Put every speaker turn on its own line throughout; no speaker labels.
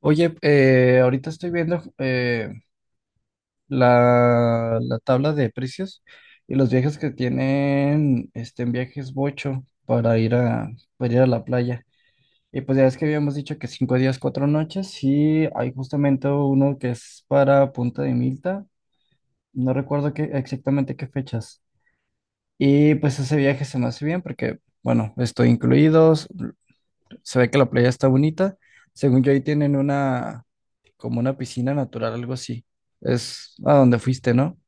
Oye, ahorita estoy viendo la tabla de precios y los viajes que tienen en viajes Bocho para ir a la playa. Y pues ya es que habíamos dicho que cinco días, cuatro noches, y hay justamente uno que es para Punta de Milta. No recuerdo exactamente qué fechas. Y pues ese viaje se me hace bien porque, bueno, estoy incluidos. Se ve que la playa está bonita. Según yo, ahí tienen como una piscina natural, algo así. Es a donde fuiste, ¿no?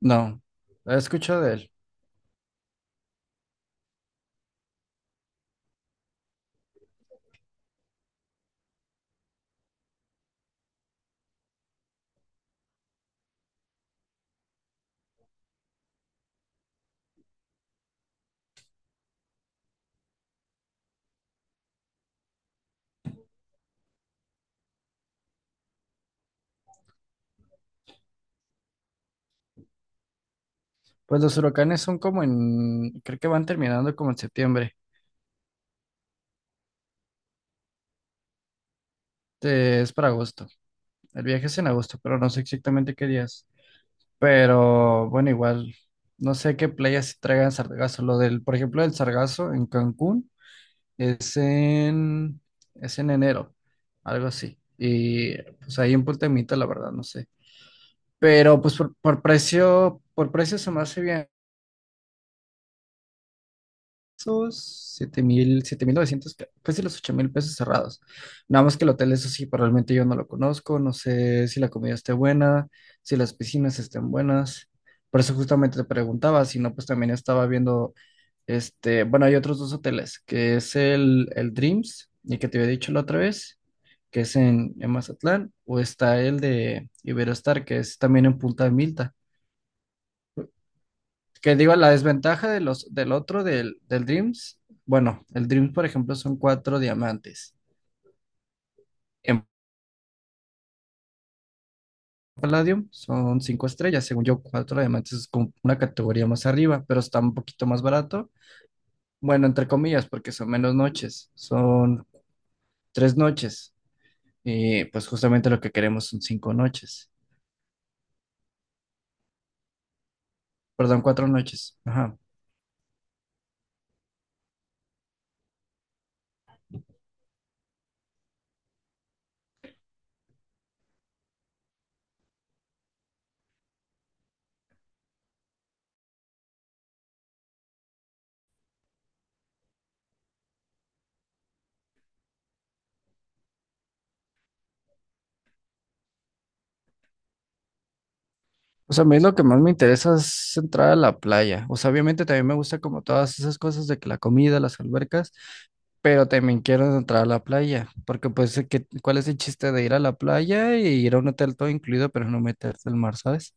No, he escuchado de él. Pues los huracanes son como creo que van terminando como en septiembre. Es para agosto. El viaje es en agosto, pero no sé exactamente qué días. Pero bueno, igual, no sé qué playas se traigan sargazo. Lo del, por ejemplo, el sargazo en Cancún. Es en, es en enero, algo así. Y pues ahí en Punta Mita, la verdad, no sé. Pero pues por precio se me hace bien. Esos 7.000, 7.900, casi los $8,000 cerrados. Nada más que el hotel, eso sí, pero realmente yo no lo conozco. No sé si la comida esté buena, si las piscinas estén buenas. Por eso justamente te preguntaba, si no, pues también estaba viendo, este, bueno, hay otros dos hoteles, que es el Dreams, y que te había dicho la otra vez que es en Mazatlán, o está el de Iberostar, que es también en Punta Milta. Que digo, la desventaja de los, del otro, del, del Dreams, bueno, el Dreams, por ejemplo, son cuatro diamantes. En Palladium son cinco estrellas, según yo, cuatro diamantes es como una categoría más arriba, pero está un poquito más barato. Bueno, entre comillas, porque son menos noches, son tres noches. Y pues justamente lo que queremos son cinco noches, perdón, cuatro noches. Ajá. O sea, a mí lo que más me interesa es entrar a la playa. O sea, obviamente también me gusta como todas esas cosas de que la comida, las albercas, pero también quiero entrar a la playa, porque pues, ¿cuál es el chiste de ir a la playa y ir a un hotel todo incluido, pero no meterte al mar, ¿sabes?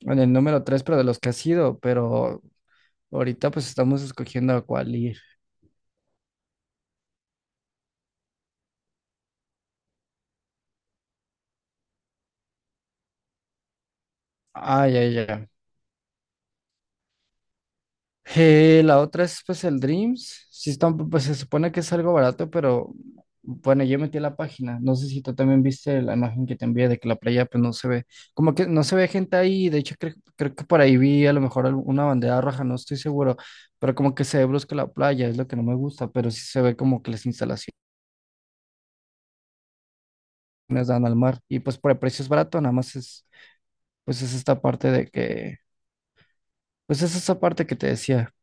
En el número tres, pero de los que has ido, pero ahorita pues estamos escogiendo a cuál ir. Ah, ya. La otra es pues el Dreams. Sí está, pues se supone que es algo barato, pero bueno, yo metí la página. No sé si tú también viste la imagen que te envié de que la playa pues no se ve, como que no se ve gente ahí. De hecho, creo que por ahí vi a lo mejor una bandera roja, no estoy seguro, pero como que se ve brusca la playa, es lo que no me gusta, pero sí se ve como que las instalaciones dan al mar. Y pues por el precio es barato, nada más es, pues es esta parte pues es esa parte que te decía.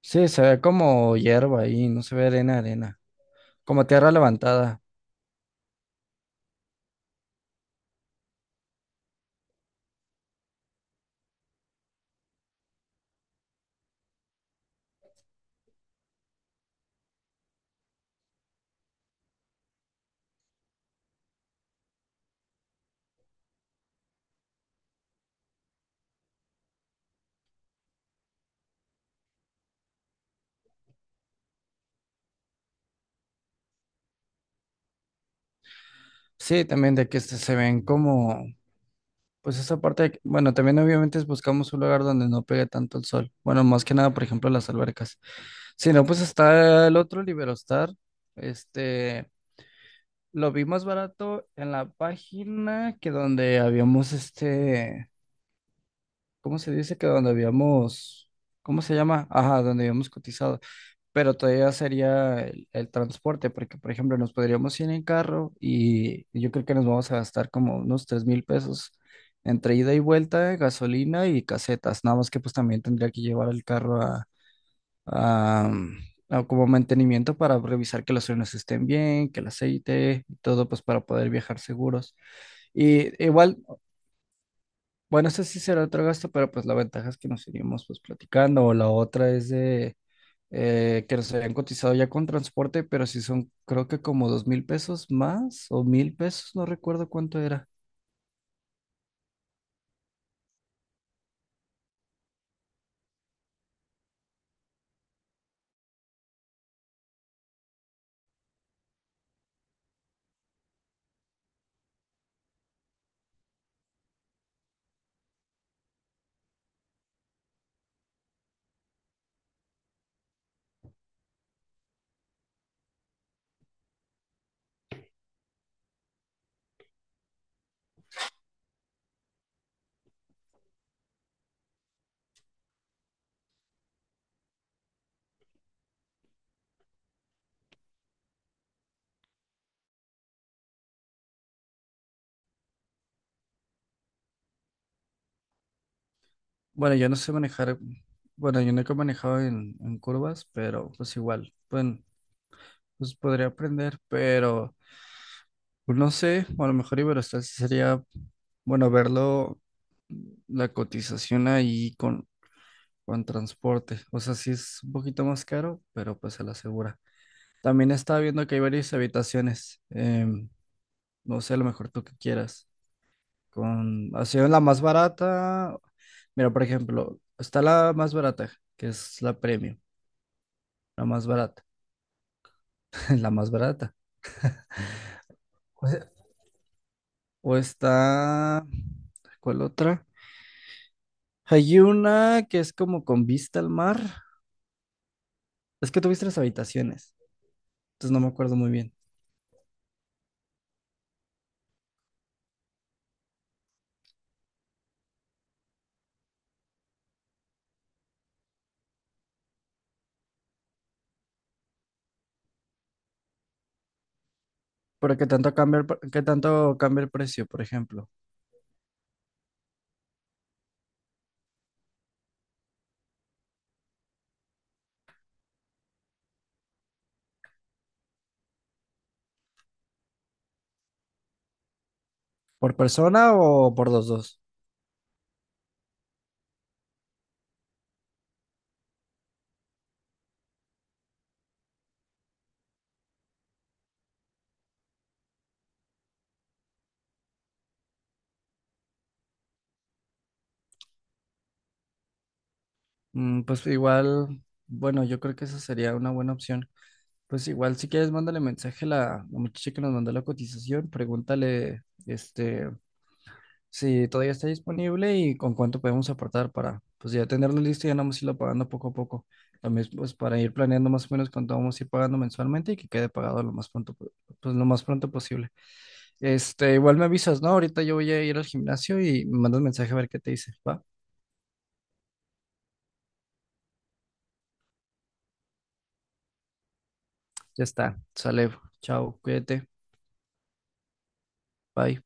Sí, se ve como hierba ahí, no se ve arena, arena. Como tierra levantada. Sí, también de que se ven como, pues esa parte, bueno, también obviamente buscamos un lugar donde no pegue tanto el sol. Bueno, más que nada, por ejemplo, las albercas. Si no, pues está el otro Liberostar. Este, lo vi más barato en la página que donde habíamos, este, ¿cómo se dice? Que donde habíamos, ¿cómo se llama? Ajá, donde habíamos cotizado. Pero todavía sería el transporte, porque por ejemplo nos podríamos ir en carro, y yo creo que nos vamos a gastar como unos $3,000 entre ida y vuelta, gasolina y casetas. Nada más que pues también tendría que llevar el carro a, mm, a como mantenimiento para revisar que los frenos estén bien, que el aceite y todo pues para poder viajar seguros. Y igual, bueno, ese sí será otro gasto, pero pues la ventaja es que nos iríamos pues platicando, o la otra es de que nos habían cotizado ya con transporte, pero sí son, creo que como $2,000 más, o $1,000, no recuerdo cuánto era. Bueno, yo no sé manejar, bueno, yo nunca he manejado en curvas, pero pues igual, bueno, pues podría aprender, pero pues, no sé, o a lo mejor Iberostar sí sería, bueno, verlo, la cotización ahí con transporte. O sea, sí es un poquito más caro, pero pues se la asegura. También estaba viendo que hay varias habitaciones. No sé, a lo mejor tú que quieras. Con, así en la más barata. Mira, por ejemplo, está la más barata, que es la premium, la más barata, la más barata. O sea, o está, ¿cuál otra? Hay una que es como con vista al mar. Es que tuviste las habitaciones, entonces no me acuerdo muy bien. ¿Pero qué tanto cambia qué tanto cambia el precio, por ejemplo? ¿Por persona o por los dos? Mm, pues igual, bueno, yo creo que esa sería una buena opción. Pues igual, si quieres, mándale mensaje a la muchacha que nos mandó la cotización, pregúntale, este, si todavía está disponible y con cuánto podemos aportar para, pues ya tenerlo listo y ya nomás irlo pagando poco a poco. También, pues para ir planeando más o menos cuánto vamos a ir pagando mensualmente, y que quede pagado lo más pronto, pues lo más pronto posible. Este, igual me avisas, ¿no? Ahorita yo voy a ir al gimnasio y me mandas mensaje a ver qué te dice, ¿va? Ya está, sale, chao, cuídate, bye.